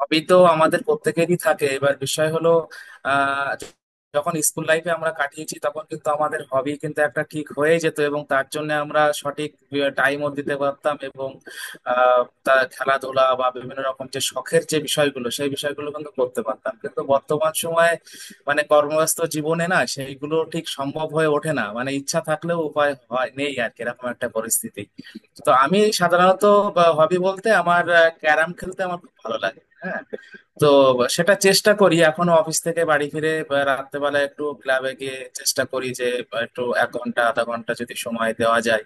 হবি তো আমাদের প্রত্যেকেরই থাকে। এবার বিষয় হলো, আহ যখন স্কুল লাইফে আমরা কাটিয়েছি তখন কিন্তু আমাদের হবি কিন্তু একটা ঠিক হয়ে যেত, এবং তার জন্য আমরা সঠিক টাইমও দিতে পারতাম, এবং আহ তা খেলাধুলা বা বিভিন্ন রকম যে শখের যে বিষয়গুলো, সেই বিষয়গুলো কিন্তু করতে পারতাম। কিন্তু বর্তমান সময়ে, মানে কর্মব্যস্ত জীবনে না, সেইগুলো ঠিক সম্ভব হয়ে ওঠে না। মানে ইচ্ছা থাকলেও উপায় হয় নেই আর কি, এরকম একটা পরিস্থিতি। তো আমি সাধারণত হবি বলতে আমার, ক্যারাম খেলতে আমার খুব ভালো লাগে। হ্যাঁ, তো সেটা চেষ্টা করি এখনো অফিস থেকে বাড়ি ফিরে বা রাত্রেবেলা একটু ক্লাবে গিয়ে চেষ্টা করি যে, বা একটু 1 ঘন্টা আধা ঘন্টা যদি সময় দেওয়া যায়।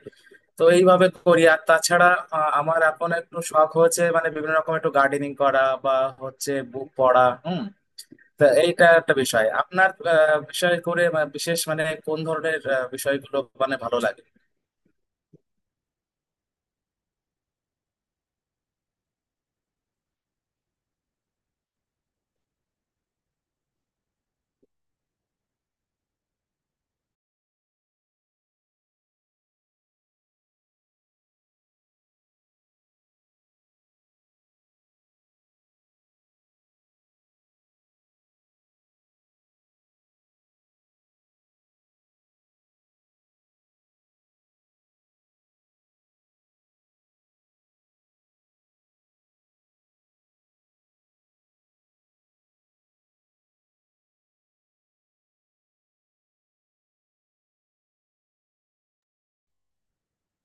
তো এইভাবে করি। আর তাছাড়া আমার এখন একটু শখ হচ্ছে, মানে বিভিন্ন রকম একটু গার্ডেনিং করা বা হচ্ছে বুক পড়া। হুম, তা এইটা একটা বিষয়। আপনার বিষয় করে বা বিশেষ মানে কোন ধরনের বিষয়গুলো মানে ভালো লাগে?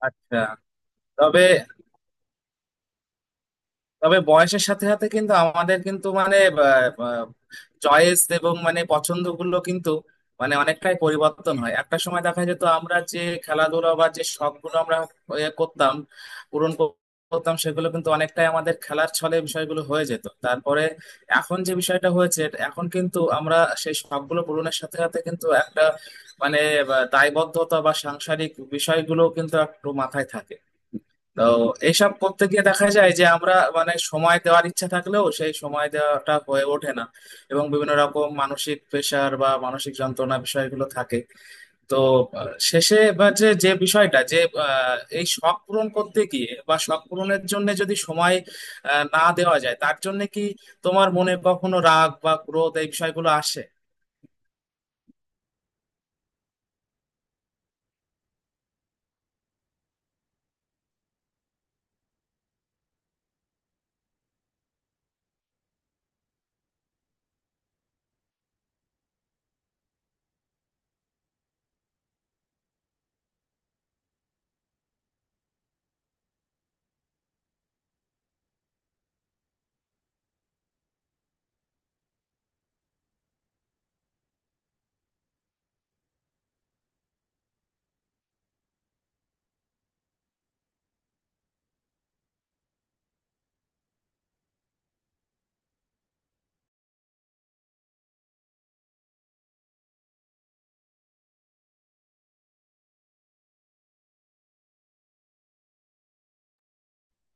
আচ্ছা। তবে তবে বয়সের সাথে সাথে কিন্তু আমাদের কিন্তু, মানে চয়েস এবং মানে পছন্দগুলো কিন্তু, মানে অনেকটাই পরিবর্তন হয়। একটা সময় দেখা যেত আমরা যে খেলাধুলা বা যে শখগুলো আমরা এ করতাম, পূরণ কর- করতাম, সেগুলো কিন্তু অনেকটাই আমাদের খেলার ছলে বিষয়গুলো হয়ে যেত। তারপরে এখন যে বিষয়টা হয়েছে, এখন কিন্তু আমরা সেই শখগুলো পূরণের সাথে সাথে কিন্তু একটা, মানে দায়বদ্ধতা বা সাংসারিক বিষয়গুলো কিন্তু একটু মাথায় থাকে। তো এইসব করতে গিয়ে দেখা যায় যে আমরা, মানে সময় দেওয়ার ইচ্ছা থাকলেও সেই সময় দেওয়াটা হয়ে ওঠে না, এবং বিভিন্ন রকম মানসিক প্রেশার বা মানসিক যন্ত্রণা বিষয়গুলো থাকে। তো শেষে বা যে যে বিষয়টা যে এই শখ পূরণ করতে গিয়ে বা শখ পূরণের জন্য যদি সময় না দেওয়া যায়, তার জন্য কি তোমার মনে কখনো রাগ বা ক্রোধ এই বিষয়গুলো আসে?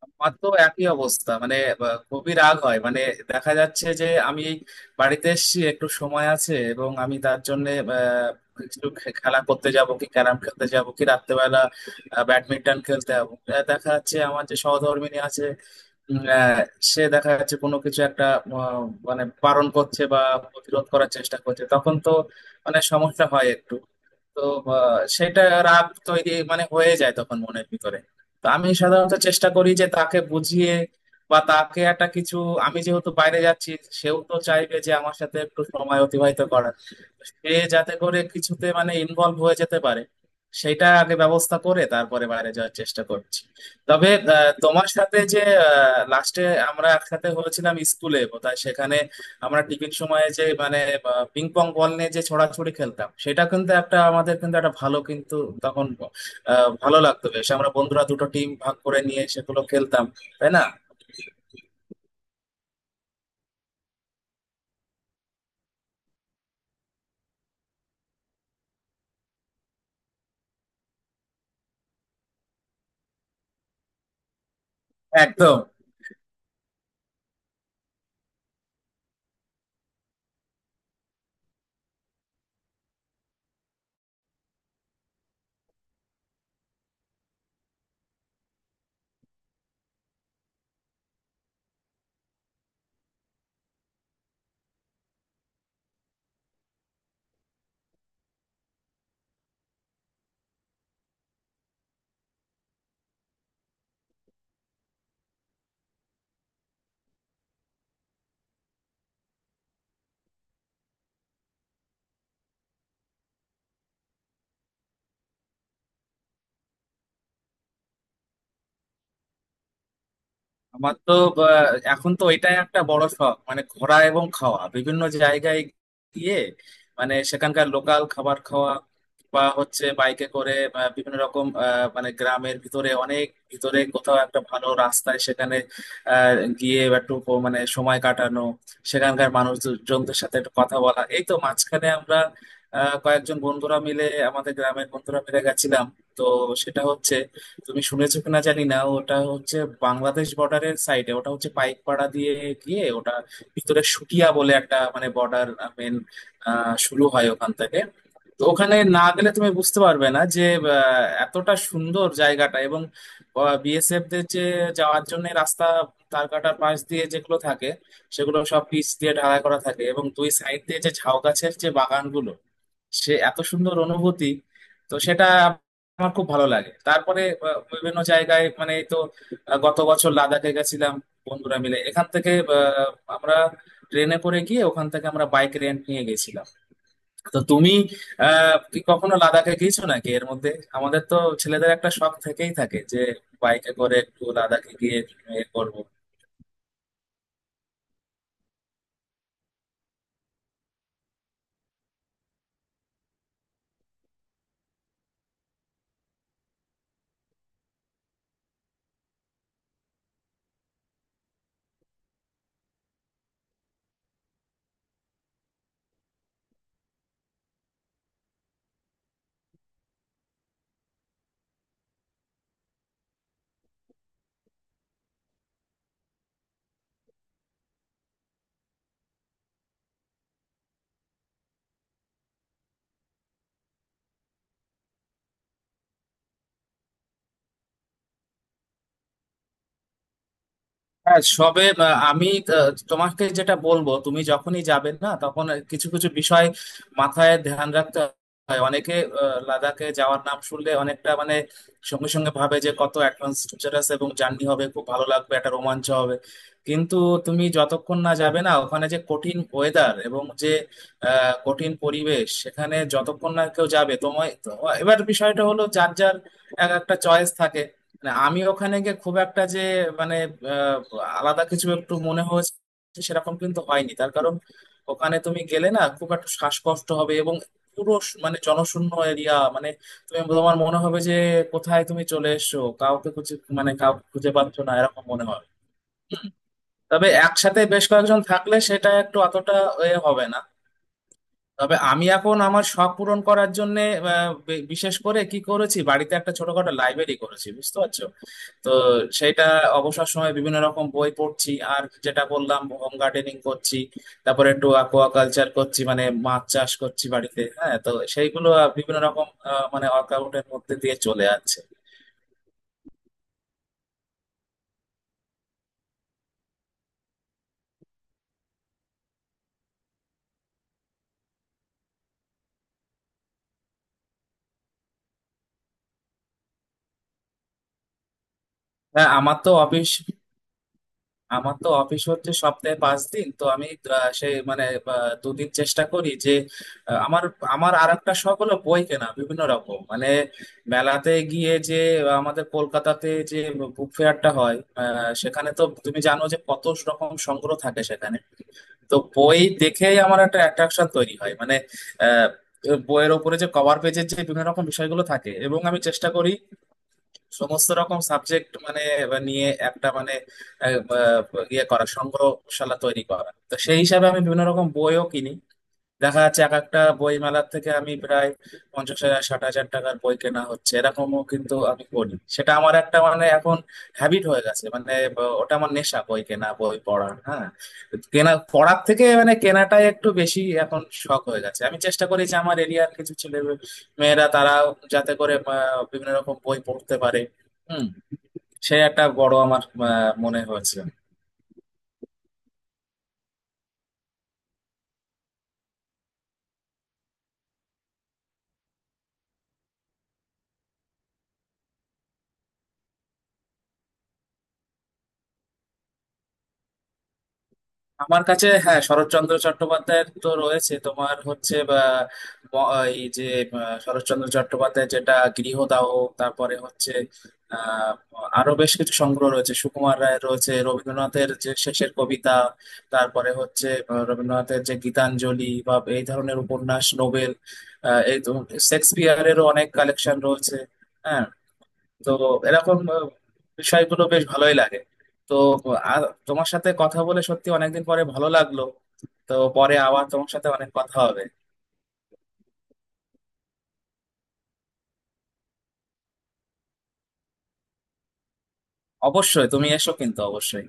আমার তো একই অবস্থা। মানে খুবই রাগ হয়। মানে দেখা যাচ্ছে যে আমি এই বাড়িতে এসেছি, একটু সময় আছে, এবং আমি তার জন্য কিছু খেলা করতে যাব, কি ক্যারাম খেলতে যাব, কি রাত্রেবেলা ব্যাডমিন্টন খেলতে যাবো। দেখা যাচ্ছে আমার যে সহধর্মিণী আছে, উম, আহ, সে দেখা যাচ্ছে কোনো কিছু একটা আহ, মানে বারণ করছে বা প্রতিরোধ করার চেষ্টা করছে, তখন তো মানে সমস্যা হয় একটু। তো সেটা রাগ তৈরি, মানে হয়ে যায় তখন মনের ভিতরে। তো আমি সাধারণত চেষ্টা করি যে তাকে বুঝিয়ে বা তাকে একটা কিছু, আমি যেহেতু বাইরে যাচ্ছি, সেও তো চাইবে যে আমার সাথে একটু সময় অতিবাহিত করার, সে যাতে করে কিছুতে মানে ইনভলভ হয়ে যেতে পারে, সেটা আগে ব্যবস্থা করে তারপরে বাইরে যাওয়ার চেষ্টা করছি। তবে তোমার সাথে যে লাস্টে আমরা একসাথে হয়েছিলাম স্কুলে বোধহয়, সেখানে আমরা টিফিন সময়ে যে মানে পিং পং বল নিয়ে যে ছোড়াছুড়ি খেলতাম, সেটা কিন্তু একটা আমাদের কিন্তু একটা ভালো কিন্তু, তখন ভালো লাগতো বেশ। আমরা বন্ধুরা দুটো টিম ভাগ করে নিয়ে সেগুলো খেলতাম, তাই না? একদম। আমার তো বা, এখন তো এটাই একটা বড় শখ, মানে ঘোরা এবং খাওয়া বিভিন্ন জায়গায় গিয়ে, মানে সেখানকার লোকাল খাবার খাওয়া, বা হচ্ছে বাইকে করে বা বিভিন্ন রকম মানে গ্রামের ভিতরে অনেক ভিতরে কোথাও একটা ভালো রাস্তায় সেখানে আহ, গিয়ে একটু মানে সময় কাটানো, সেখানকার মানুষজনদের সাথে একটু কথা বলা। এই তো মাঝখানে আমরা কয়েকজন বন্ধুরা মিলে, আমাদের গ্রামের বন্ধুরা মিলে গেছিলাম। তো সেটা হচ্ছে, তুমি শুনেছো কিনা জানি না, ওটা হচ্ছে বাংলাদেশ বর্ডারের সাইডে, ওটা হচ্ছে পাইকপাড়া দিয়ে গিয়ে ওটা ভিতরে শুটিয়া বলে একটা মানে বর্ডার মেন শুরু হয় ওখান থেকে। তো ওখানে না গেলে তুমি বুঝতে পারবে না যে এতটা সুন্দর জায়গাটা, এবং বিএসএফ দের যে যাওয়ার জন্য রাস্তা, তার কাটার পাশ দিয়ে যেগুলো থাকে সেগুলো সব পিচ দিয়ে ঢালাই করা থাকে, এবং দুই সাইড দিয়ে যে ঝাউ গাছের যে বাগানগুলো, সে এত সুন্দর অনুভূতি। তো সেটা আমার খুব ভালো লাগে। তারপরে বিভিন্ন জায়গায়, মানে এই তো গত বছর লাদাখে গেছিলাম বন্ধুরা মিলে এখান থেকে। আহ, আমরা ট্রেনে করে গিয়ে ওখান থেকে আমরা বাইক রেন্ট নিয়ে গেছিলাম। তো তুমি কি কখনো লাদাখে গিয়েছো নাকি এর মধ্যে? আমাদের তো ছেলেদের একটা শখ থেকেই থাকে যে বাইকে করে একটু লাদাখে গিয়ে এ করবো। হ্যাঁ, সবে আমি তোমাকে যেটা বলবো, তুমি যখনই যাবে না তখন কিছু কিছু বিষয় মাথায় ধ্যান রাখতে হয়। অনেকে লাদাখে যাওয়ার নাম শুনলে অনেকটা মানে সঙ্গে সঙ্গে ভাবে যে কত অ্যাডভান্স টিচার আছে এবং জার্নি হবে, খুব ভালো লাগবে, একটা রোমাঞ্চ হবে। কিন্তু তুমি যতক্ষণ না যাবে না, ওখানে যে কঠিন ওয়েদার এবং যে কঠিন পরিবেশ, সেখানে যতক্ষণ না কেউ যাবে তোমায় এবার বিষয়টা হলো যার যার এক একটা চয়েস থাকে। মানে আমি ওখানে গিয়ে খুব একটা যে মানে আহ, আলাদা কিছু একটু মনে হয়েছে সেরকম কিন্তু হয়নি, তার কারণ ওখানে তুমি গেলে না খুব একটা শ্বাসকষ্ট হবে, এবং পুরো মানে জনশূন্য এরিয়া, মানে তুমি, তোমার মনে হবে যে কোথায় তুমি চলে এসছো, কাউকে খুঁজে মানে কাউকে খুঁজে পাচ্ছ না, এরকম মনে হবে। তবে একসাথে বেশ কয়েকজন থাকলে সেটা একটু অতটা এ হবে না। তবে আমি এখন আমার শখ পূরণ করার জন্য বিশেষ করে কি করেছি, বাড়িতে একটা ছোটখাটো লাইব্রেরি করেছি, বুঝতে পারছো? তো সেটা অবসর সময়ে বিভিন্ন রকম বই পড়ছি, আর যেটা বললাম হোম গার্ডেনিং করছি, তারপরে একটু অ্যাকোয়াকালচার করছি, মানে মাছ চাষ করছি বাড়িতে। হ্যাঁ, তো সেইগুলো বিভিন্ন রকম মানে ওয়ার্কআউটের মধ্যে দিয়ে চলে যাচ্ছে। হ্যাঁ, আমার তো অফিস, আমার তো অফিস হচ্ছে সপ্তাহে 5 দিন। তো আমি সেই মানে 2 দিন চেষ্টা করি যে আমার, আমার আর একটা শখ হলো বই কেনা, বিভিন্ন রকম মানে মেলাতে গিয়ে যে আমাদের কলকাতাতে যে বুক ফেয়ারটা হয় সেখানে তো তুমি জানো যে কত রকম সংগ্রহ থাকে সেখানে। তো বই দেখেই আমার একটা অ্যাট্রাকশন তৈরি হয়, মানে আহ বইয়ের ওপরে যে কভার পেজের যে বিভিন্ন রকম বিষয়গুলো থাকে, এবং আমি চেষ্টা করি সমস্ত রকম সাবজেক্ট মানে এবার নিয়ে একটা মানে আহ, আহ, ইয়ে করা সংগ্রহশালা তৈরি করা। তো সেই হিসাবে আমি বিভিন্ন রকম বইও কিনি। দেখা যাচ্ছে এক একটা বই মেলার থেকে আমি প্রায় 50,000 60,000 টাকার বই কেনা হচ্ছে, এরকমও কিন্তু আমি করি। সেটা আমার একটা মানে এখন হ্যাবিট হয়ে গেছে। মানে ওটা আমার নেশা, বই কেনা বই পড়া। হ্যাঁ, কেনা পড়ার থেকে মানে কেনাটাই একটু বেশি এখন শখ হয়ে গেছে। আমি চেষ্টা করি যে আমার এরিয়ার কিছু ছেলে মেয়েরা তারা যাতে করে বিভিন্ন রকম বই পড়তে পারে। হুম, সে একটা বড় আমার মনে হয়েছে। আমার কাছে হ্যাঁ, শরৎচন্দ্র চট্টোপাধ্যায়ের তো রয়েছে। তোমার হচ্ছে বা এই যে শরৎচন্দ্র চট্টোপাধ্যায় যেটা গৃহদাহ, তারপরে হচ্ছে আহ আরো বেশ কিছু সংগ্রহ রয়েছে, সুকুমার রায়ের রয়েছে, রবীন্দ্রনাথের যে শেষের কবিতা, তারপরে হচ্ছে রবীন্দ্রনাথের যে গীতাঞ্জলি বা এই ধরনের উপন্যাস নোবেল। এই তো শেক্সপিয়ারেরও অনেক কালেকশন রয়েছে। হ্যাঁ, তো এরকম বিষয়গুলো বেশ ভালোই লাগে। তো আর তোমার সাথে কথা বলে সত্যি অনেকদিন পরে ভালো লাগলো। তো পরে আবার তোমার সাথে অনেক কথা হবে। অবশ্যই, তুমি এসো, কিন্তু অবশ্যই।